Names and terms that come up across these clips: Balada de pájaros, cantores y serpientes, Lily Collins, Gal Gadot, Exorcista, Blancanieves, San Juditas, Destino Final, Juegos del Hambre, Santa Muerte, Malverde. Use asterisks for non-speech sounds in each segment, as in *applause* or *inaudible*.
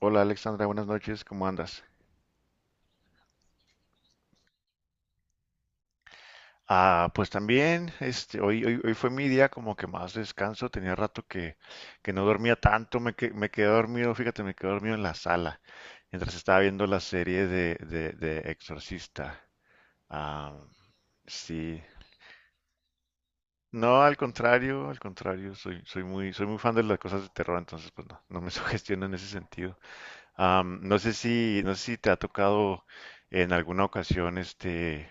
Hola Alexandra, buenas noches, ¿cómo andas? Ah, pues también, hoy fue mi día como que más descanso, tenía rato que no dormía tanto, me quedé dormido, fíjate, me quedé dormido en la sala, mientras estaba viendo la serie de Exorcista. Ah, sí, no, al contrario, soy muy fan de las cosas de terror, entonces pues no, no me *laughs* sugestiono en ese sentido. Ah, no sé si te ha tocado en alguna ocasión este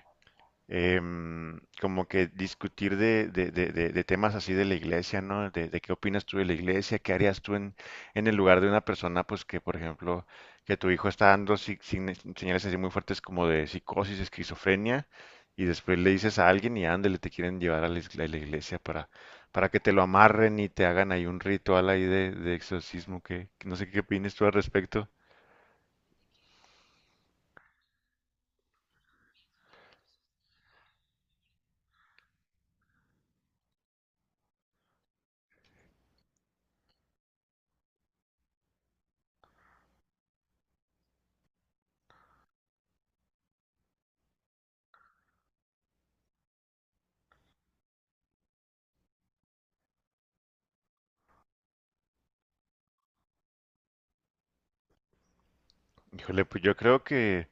em, como que discutir de temas así de la iglesia, ¿no? De qué opinas tú de la iglesia, qué harías tú en el lugar de una persona, pues que, por ejemplo, que tu hijo está dando señales así muy fuertes como de psicosis, esquizofrenia, y después le dices a alguien y ándale, te quieren llevar a a la iglesia para que te lo amarren y te hagan ahí un ritual ahí de exorcismo, que no sé qué opinas tú al respecto. Híjole, pues yo creo que...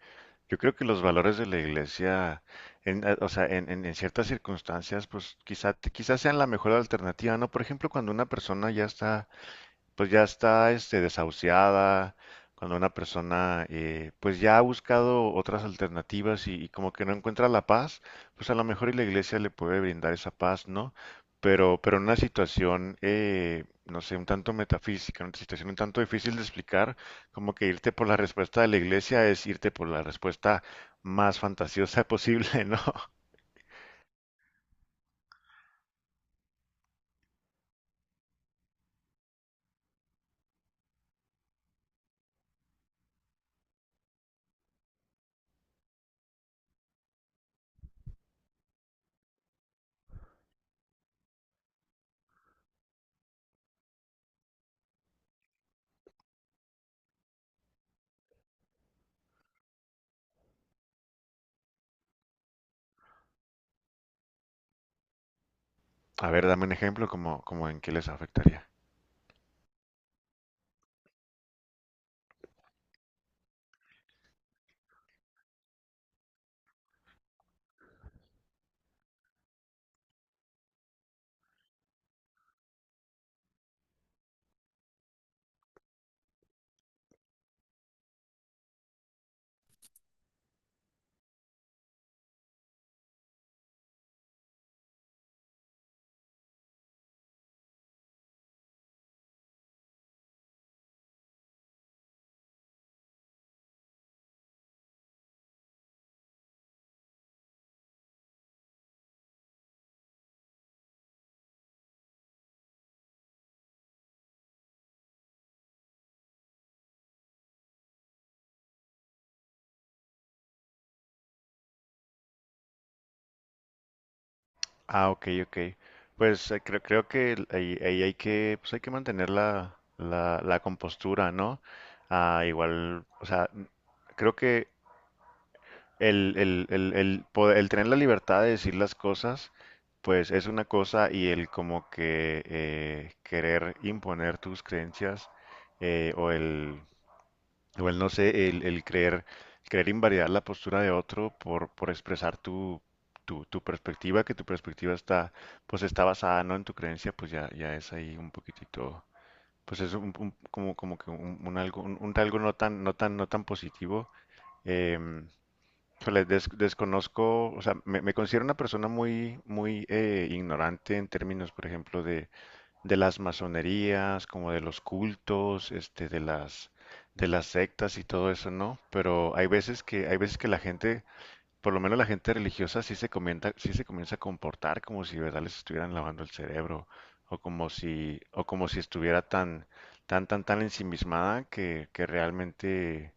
Yo creo que los valores de la iglesia, o sea, en ciertas circunstancias, pues quizás sean la mejor alternativa, ¿no? Por ejemplo, cuando una persona ya está pues ya está desahuciada, cuando una persona pues ya ha buscado otras alternativas y como que no encuentra la paz, pues a lo mejor y la iglesia le puede brindar esa paz, ¿no? Pero en una situación, no sé, un tanto metafísica, una situación un tanto difícil de explicar, como que irte por la respuesta de la iglesia es irte por la respuesta más fantasiosa posible, *laughs* ¿no? A ver, dame un ejemplo, como, como en qué les afectaría. Ah, ok, ok. Pues creo que ahí hay que, pues hay que mantener la compostura, ¿no? Ah, igual, o sea, creo que el tener la libertad de decir las cosas, pues es una cosa y el como que querer imponer tus creencias eh, o el, igual no sé, el creer, creer invalidar la postura de otro por expresar tu perspectiva, que tu perspectiva está, pues está basada no en tu creencia, pues ya es ahí un poquitito, pues es como, como que un algo no tan positivo. Em, híjole, desconozco, o sea, me considero una persona muy ignorante en términos, por ejemplo, de las masonerías, como de los cultos, de de las sectas y todo eso, ¿no? Pero hay veces hay veces que la gente, por lo menos la gente religiosa, sí se comienza a comportar como si de verdad les estuvieran lavando el cerebro, o como si estuviera tan ensimismada que realmente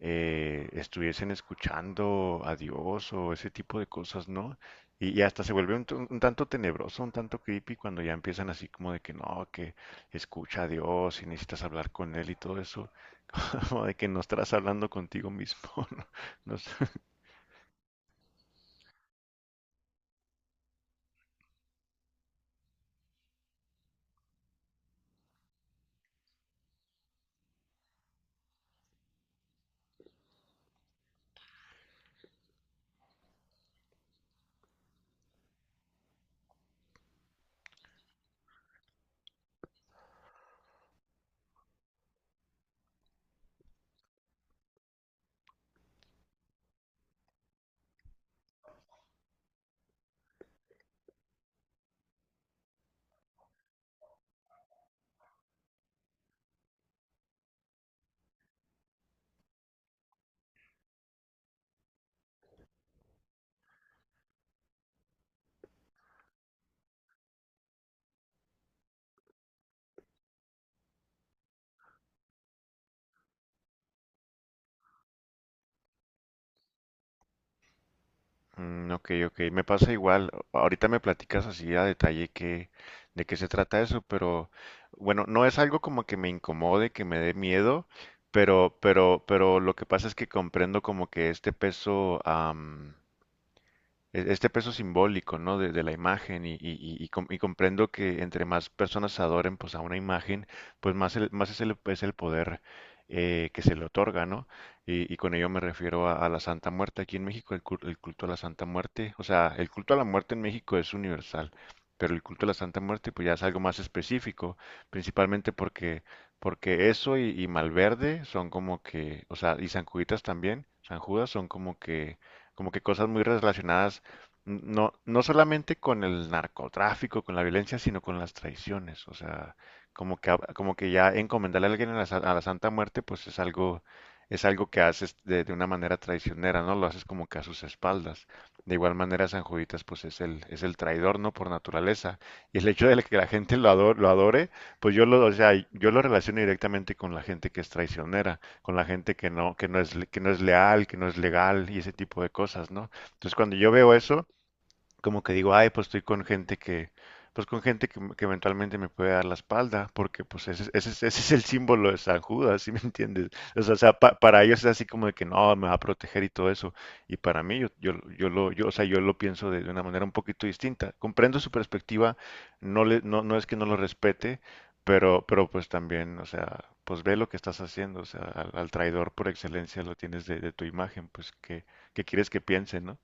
estuviesen escuchando a Dios o ese tipo de cosas, ¿no? Y hasta se vuelve un tanto tenebroso, un tanto creepy cuando ya empiezan así como de que no, que escucha a Dios y necesitas hablar con Él y todo eso, *laughs* como de que no estarás hablando contigo mismo, *laughs* ¿no? No sé. Mm, ok, ok, me pasa igual. Ahorita me platicas así a detalle de qué se trata eso, pero bueno, no es algo como que me incomode, que me dé miedo, pero lo que pasa es que comprendo como que este este peso simbólico, ¿no? De la imagen y comprendo que entre más personas adoren pues a una imagen, pues más es es el poder que se le otorga, ¿no? Y con ello me refiero a la Santa Muerte aquí en México, el culto a la Santa Muerte, o sea, el culto a la muerte en México es universal, pero el culto a la Santa Muerte pues ya es algo más específico, principalmente porque y Malverde son como que, o sea, y San Juditas también, San Judas son como que cosas muy relacionadas no solamente con el narcotráfico, con la violencia, sino con las traiciones. O sea, como como que ya encomendarle a alguien a a la Santa Muerte, pues es es algo que haces de una manera traicionera, ¿no? Lo haces como que a sus espaldas. De igual manera, San Juditas, pues es es el traidor, ¿no? Por naturaleza. Y el hecho de que la gente lo adore, pues o sea, yo lo relaciono directamente con la gente que es traicionera, con la gente que no, que no es leal, que no es legal y ese tipo de cosas, ¿no? Entonces, cuando yo veo eso, como que digo, ay, pues estoy con gente pues con gente que eventualmente me puede dar la espalda, porque pues ese es el símbolo de San Judas, ¿sí me entiendes? O sea, para ellos es así como de que no, me va a proteger y todo eso, y para mí o sea, yo lo pienso de una manera un poquito distinta. Comprendo su perspectiva, no es que no lo respete, pero pues también, o sea, pues ve lo que estás haciendo, o sea, al traidor por excelencia lo tienes de tu imagen, pues que quieres que piense, ¿no?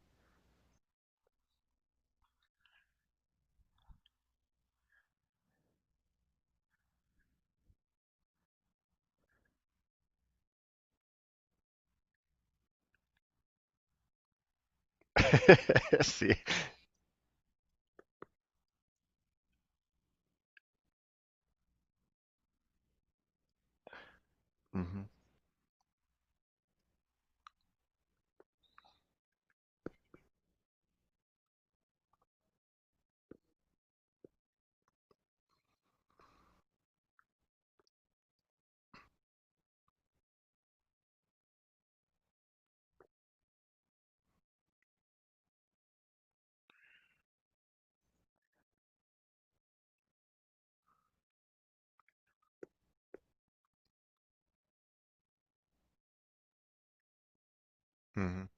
*laughs* Sí. Ujú, ujú.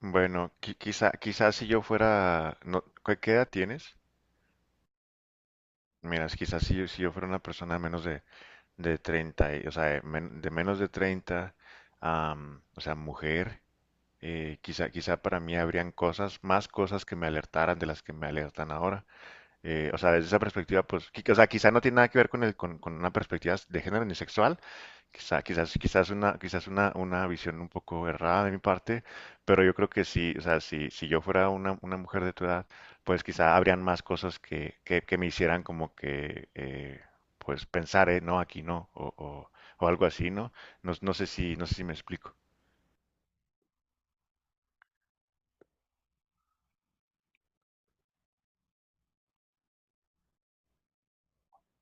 Bueno, quizás si yo fuera, no, ¿qué qué edad tienes? Miras, quizás si, si yo fuera una persona menos de 30, o sea, de menos de 30, am, o sea, mujer, quizá para mí habrían cosas, más cosas que me alertaran de las que me alertan ahora. O sea, desde esa perspectiva, pues, o sea, quizá no tiene nada que ver con el, con una perspectiva de género ni sexual, Quizás una visión un poco errada de mi parte, pero yo creo que sí, o sea, si yo fuera una mujer de tu edad, pues quizá habrían más cosas que me hicieran como que, pues pensar, no, aquí no, o algo así, ¿no? No, no sé si me explico.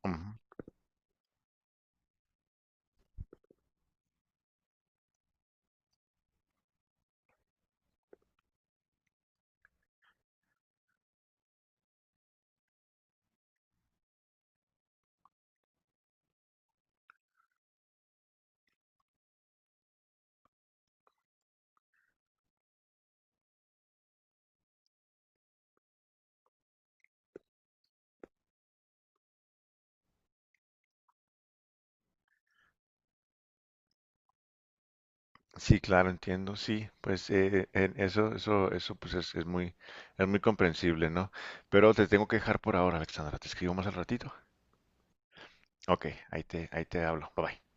Ujú. Sí, claro, entiendo, sí, pues en eso, pues es, es muy comprensible, ¿no? Pero te tengo que dejar por ahora, Alexandra, te escribo más al ratito. Ok, ahí te hablo, bye bye.